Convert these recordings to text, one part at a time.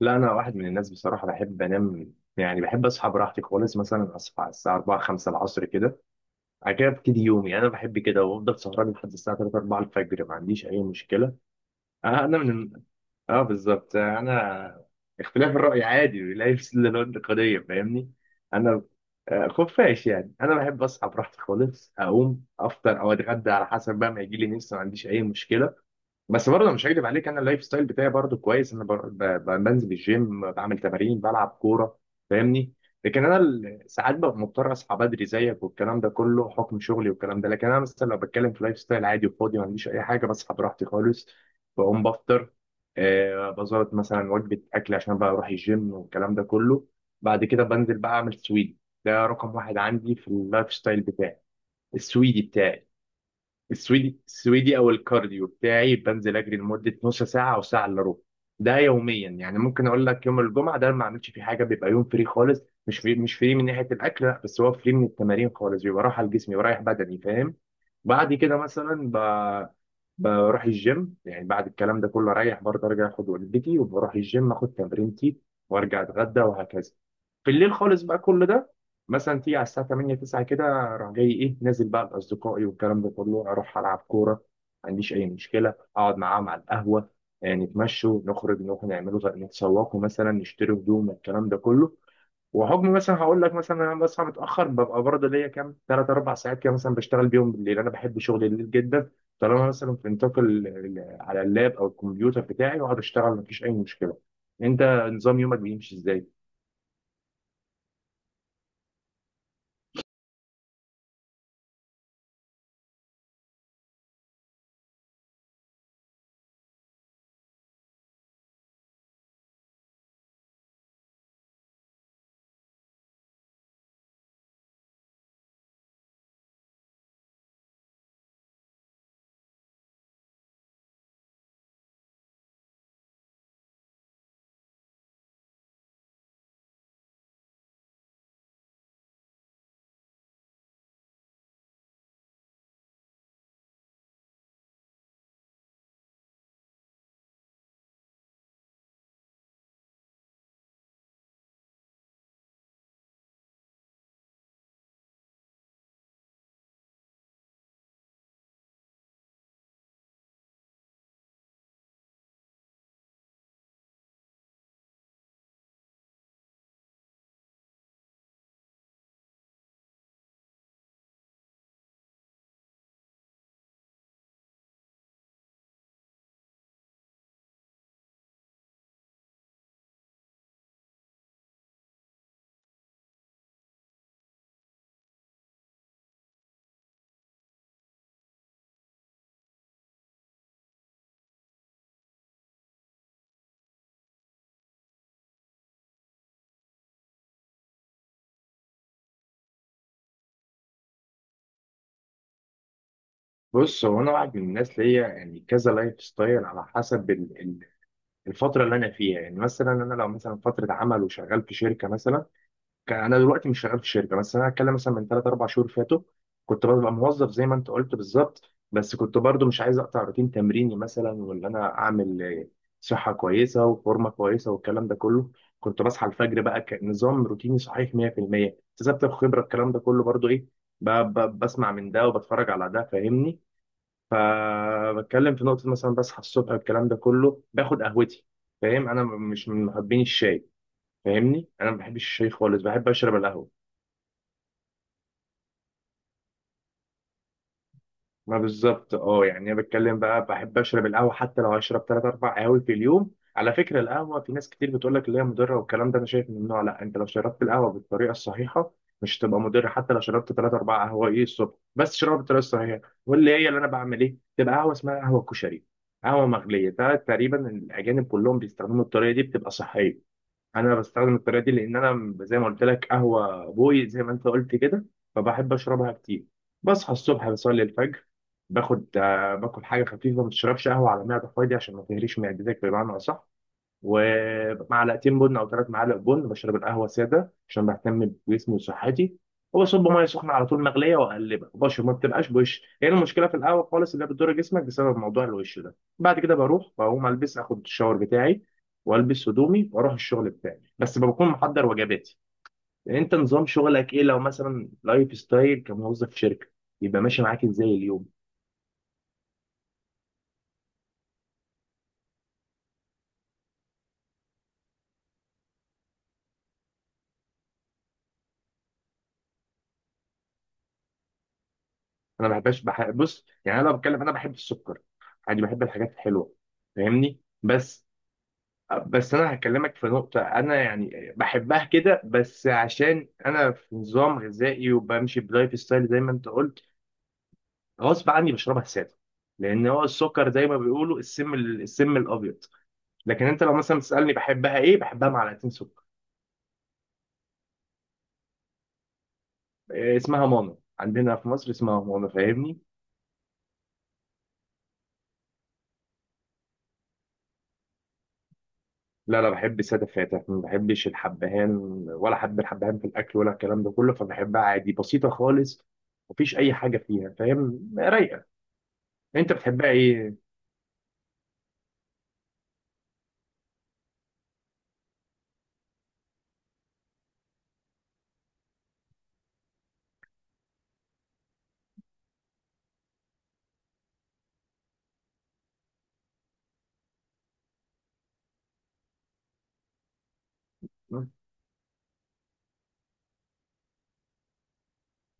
لا، انا واحد من الناس بصراحه، بحب انام. يعني بحب اصحى براحتي خالص، مثلا اصحى على الساعه 4 5 العصر كده. بعد كده ابتدي يومي. يعني انا بحب كده وافضل سهران لحد الساعه 3 4 الفجر، ما عنديش اي مشكله. آه. انا من اه، بالظبط. آه، انا اختلاف الراي عادي، لا يفسد للود قضيه، فاهمني؟ انا آه، خفاش يعني، انا بحب اصحى براحتي خالص، اقوم افطر او اتغدى على حسب بقى ما يجي لي نفسي، ما عنديش اي مشكله. بس برضه مش هكدب عليك، انا اللايف ستايل بتاعي برضه كويس. انا بنزل الجيم، بعمل تمارين، بلعب كوره، فاهمني؟ لكن انا ساعات ببقى مضطر اصحى بدري زيك والكلام ده كله، حكم شغلي والكلام ده. لكن انا مثلا لو بتكلم في لايف ستايل عادي وفاضي، ما عنديش اي حاجه، بصحى براحتي خالص، بقوم بفطر. آه بظبط، مثلا وجبه اكل، عشان بقى اروح الجيم والكلام ده كله. بعد كده بنزل بقى اعمل سويدي. ده رقم واحد عندي في اللايف ستايل بتاعي، السويدي بتاعي. السويدي او الكارديو بتاعي، بنزل اجري لمده نص ساعه او ساعه الا ربع. ده يوميا. يعني ممكن اقول لك يوم الجمعه ده ما اعملش فيه حاجه، بيبقى يوم فري خالص. مش فري من ناحيه الاكل، لا، بس هو فري من التمارين خالص، بيبقى راحه لجسمي ورايح بدني، فاهم؟ بعد كده مثلا بروح الجيم. يعني بعد الكلام ده كله، اريح برضه، ارجع اخد وجبتي، وبروح الجيم اخد تمرينتي، وارجع اتغدى وهكذا. في الليل خالص بقى كل ده. مثلا تيجي على الساعه 8 9 كده، اروح جاي ايه، نازل بقى لاصدقائي والكلام ده كله، اروح العب كوره. ما عنديش اي مشكله، اقعد معاهم على القهوه. نتمشوا، نخرج، نروح نعملوا نتسوقوا مثلا، نشتري هدوم الكلام ده كله. وحكم مثلا هقول لك، مثلا انا بصحى متاخر، ببقى برضه ليا كام 3 4 ساعات كده مثلا بشتغل بيهم بالليل. انا بحب شغل الليل جدا. طالما مثلا في نطاق على اللاب او الكمبيوتر بتاعي واقعد اشتغل، مفيش اي مشكله. انت، نظام يومك بيمشي ازاي؟ بص، هو انا واحد من الناس ليا يعني كذا لايف ستايل، على حسب الفتره اللي انا فيها. يعني مثلا انا لو مثلا فتره عمل وشغال في شركه مثلا، كان انا دلوقتي مش شغال في شركه، بس انا هتكلم مثلا من 3 4 شهور فاتوا. كنت ببقى موظف زي ما انت قلت بالظبط، بس كنت برضو مش عايز اقطع روتين تمريني مثلا، وان انا اعمل صحه كويسه وفورمه كويسه والكلام ده كله. كنت بصحى الفجر بقى كنظام روتيني صحيح 100%. اكتسبت الخبره الكلام ده كله برضو، ايه، بسمع من ده وبتفرج على ده، فاهمني؟ فبتكلم في نقطه، مثلا بصحى الصبح الكلام ده كله، باخد قهوتي، فاهم؟ انا مش من محبين الشاي، فاهمني؟ انا ما بحبش الشاي خالص، بحب اشرب القهوه. ما بالظبط، اه، يعني انا بتكلم بقى، بحب اشرب القهوه حتى لو هشرب 3 4 قهاوي في اليوم. على فكره القهوه، في ناس كتير بتقول لك اللي هي مضره والكلام ده. انا شايف ممنوع؟ لا، انت لو شربت القهوه بالطريقه الصحيحه مش هتبقى مضر. حتى لو شربت 3 4 قهوه ايه الصبح، بس شربها بالطريقه الصحيحه. واللي هي اللي انا بعمل ايه، تبقى قهوه اسمها قهوه كشري، قهوه مغليه. ده تقريبا الاجانب كلهم بيستخدموا الطريقه دي، بتبقى صحيه. انا بستخدم الطريقه دي، لان انا زي ما قلت لك قهوه بوي، زي ما انت قلت كده، فبحب اشربها كتير. بصحى الصبح، بصلي الفجر، باخد آه، باكل حاجه خفيفه. ما تشربش قهوه على معده فاضيه عشان ما تهريش معدتك بمعنى اصح. ومعلقتين بن او 3 معالق بن، بشرب القهوه ساده عشان بهتم بجسمي وصحتي، وبصب ميه سخنه على طول مغليه، واقلبها وبشرب، ما بتبقاش بوش. هي إيه المشكله في القهوه خالص اللي هي بتضر جسمك؟ بسبب موضوع الوش ده. بعد كده بروح بقوم البس، اخد الشاور بتاعي والبس هدومي، واروح الشغل بتاعي، بس بكون محضر وجباتي. يعني انت، نظام شغلك ايه لو مثلا لايف ستايل كموظف في شركه، يبقى ماشي معاك ازاي اليوم؟ انا ما بحبش بص، يعني انا لو بتكلم انا بحب السكر، عادي بحب الحاجات الحلوه، فاهمني؟ بس انا هكلمك في نقطة، انا يعني بحبها كده، بس عشان انا في نظام غذائي وبمشي بلايف ستايل زي ما انت قلت، غصب عني بشربها سادة. لان هو السكر زي ما بيقولوا السم، السم الابيض. لكن انت لو مثلا تسألني بحبها ايه، بحبها معلقتين سكر. إيه اسمها؟ مانا. عندنا في مصر اسمها مانا، فاهمني؟ لا، لا، بحب السادة فاتح، ما بحبش الحبهان ولا حب الحبهان في الاكل ولا الكلام ده كله، فبحبها عادي بسيطة خالص. مفيش اي حاجة فيها، فاهم؟ رايقة. انت بتحبها ايه؟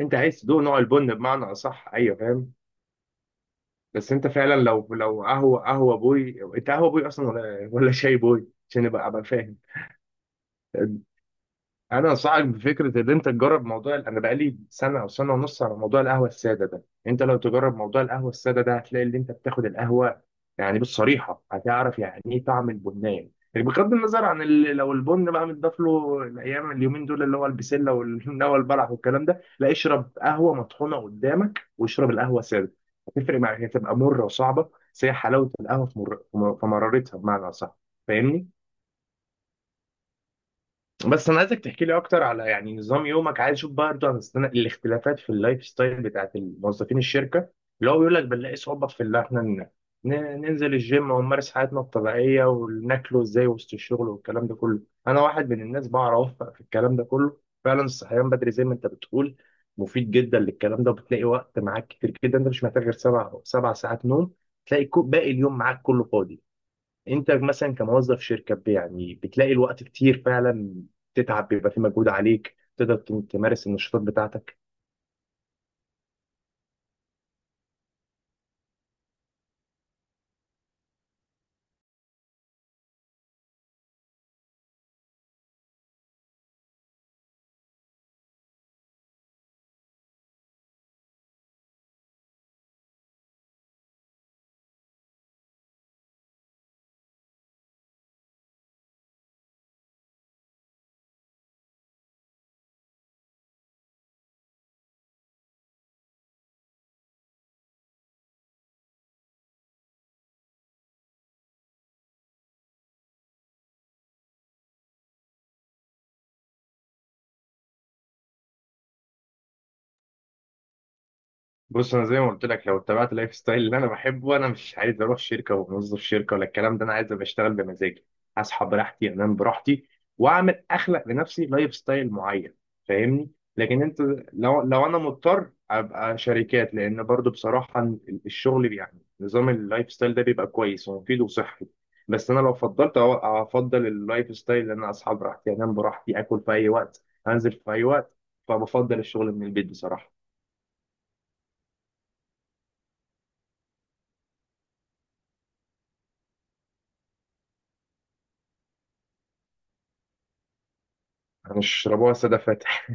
انت عايز تدوق نوع البن بمعنى اصح، ايوه فاهم. بس انت فعلا، لو قهوه بوي، انت قهوه بوي اصلا ولا شاي بوي، عشان ابقى فاهم. انا انصحك بفكره ان انت تجرب موضوع. انا بقالي سنه او سنه ونص على موضوع القهوه الساده ده. انت لو تجرب موضوع القهوه الساده ده، هتلاقي ان انت بتاخد القهوه. يعني بالصريحه هتعرف يعني ايه طعم البنان، يعني بغض النظر عن لو البن بقى متضاف له الايام اليومين دول اللي هو البسله والهمنه والبلح والكلام ده. لا، اشرب قهوه مطحونه قدامك، واشرب القهوه الساده. هتفرق معاك، هتبقى مره وصعبه. بس هي حلاوه القهوه في مرارتها بمعنى اصح، فاهمني؟ بس انا عايزك تحكي لي اكتر على يعني نظام يومك. عايز اشوف برضه عن الاختلافات في اللايف ستايل بتاعت الموظفين الشركه، اللي هو بيقول لك بنلاقي صعوبه في ان احنا ننزل الجيم ونمارس حياتنا الطبيعيه، وناكله ازاي وسط الشغل والكلام ده كله. انا واحد من الناس بعرف اوفق في الكلام ده كله. فعلا، الصحيان بدري زي ما انت بتقول مفيد جدا للكلام ده. وبتلاقي وقت معاك كتير جدا، انت مش محتاج غير سبع ساعات نوم. تلاقي باقي اليوم معاك كله فاضي. انت مثلا كموظف شركه، يعني بتلاقي الوقت كتير فعلا، تتعب بيبقى في مجهود عليك، تقدر تمارس النشاطات بتاعتك. بص، انا زي ما قلت لك لو اتبعت اللايف ستايل اللي انا بحبه، انا مش عايز اروح شركه وموظف شركه ولا الكلام ده. انا عايز ابقى اشتغل بمزاجي، اصحى براحتي، انام براحتي، اخلق لنفسي لايف ستايل معين، فاهمني؟ لكن انت، لو انا مضطر ابقى شركات، لان برضو بصراحه الشغل يعني نظام اللايف ستايل ده بيبقى كويس ومفيد وصحي. بس انا لو افضل اللايف ستايل، ان انا اصحى براحتي، انام براحتي، اكل في اي وقت، انزل في اي وقت، فبفضل الشغل من البيت بصراحه. هنشربوها سادة فاتح.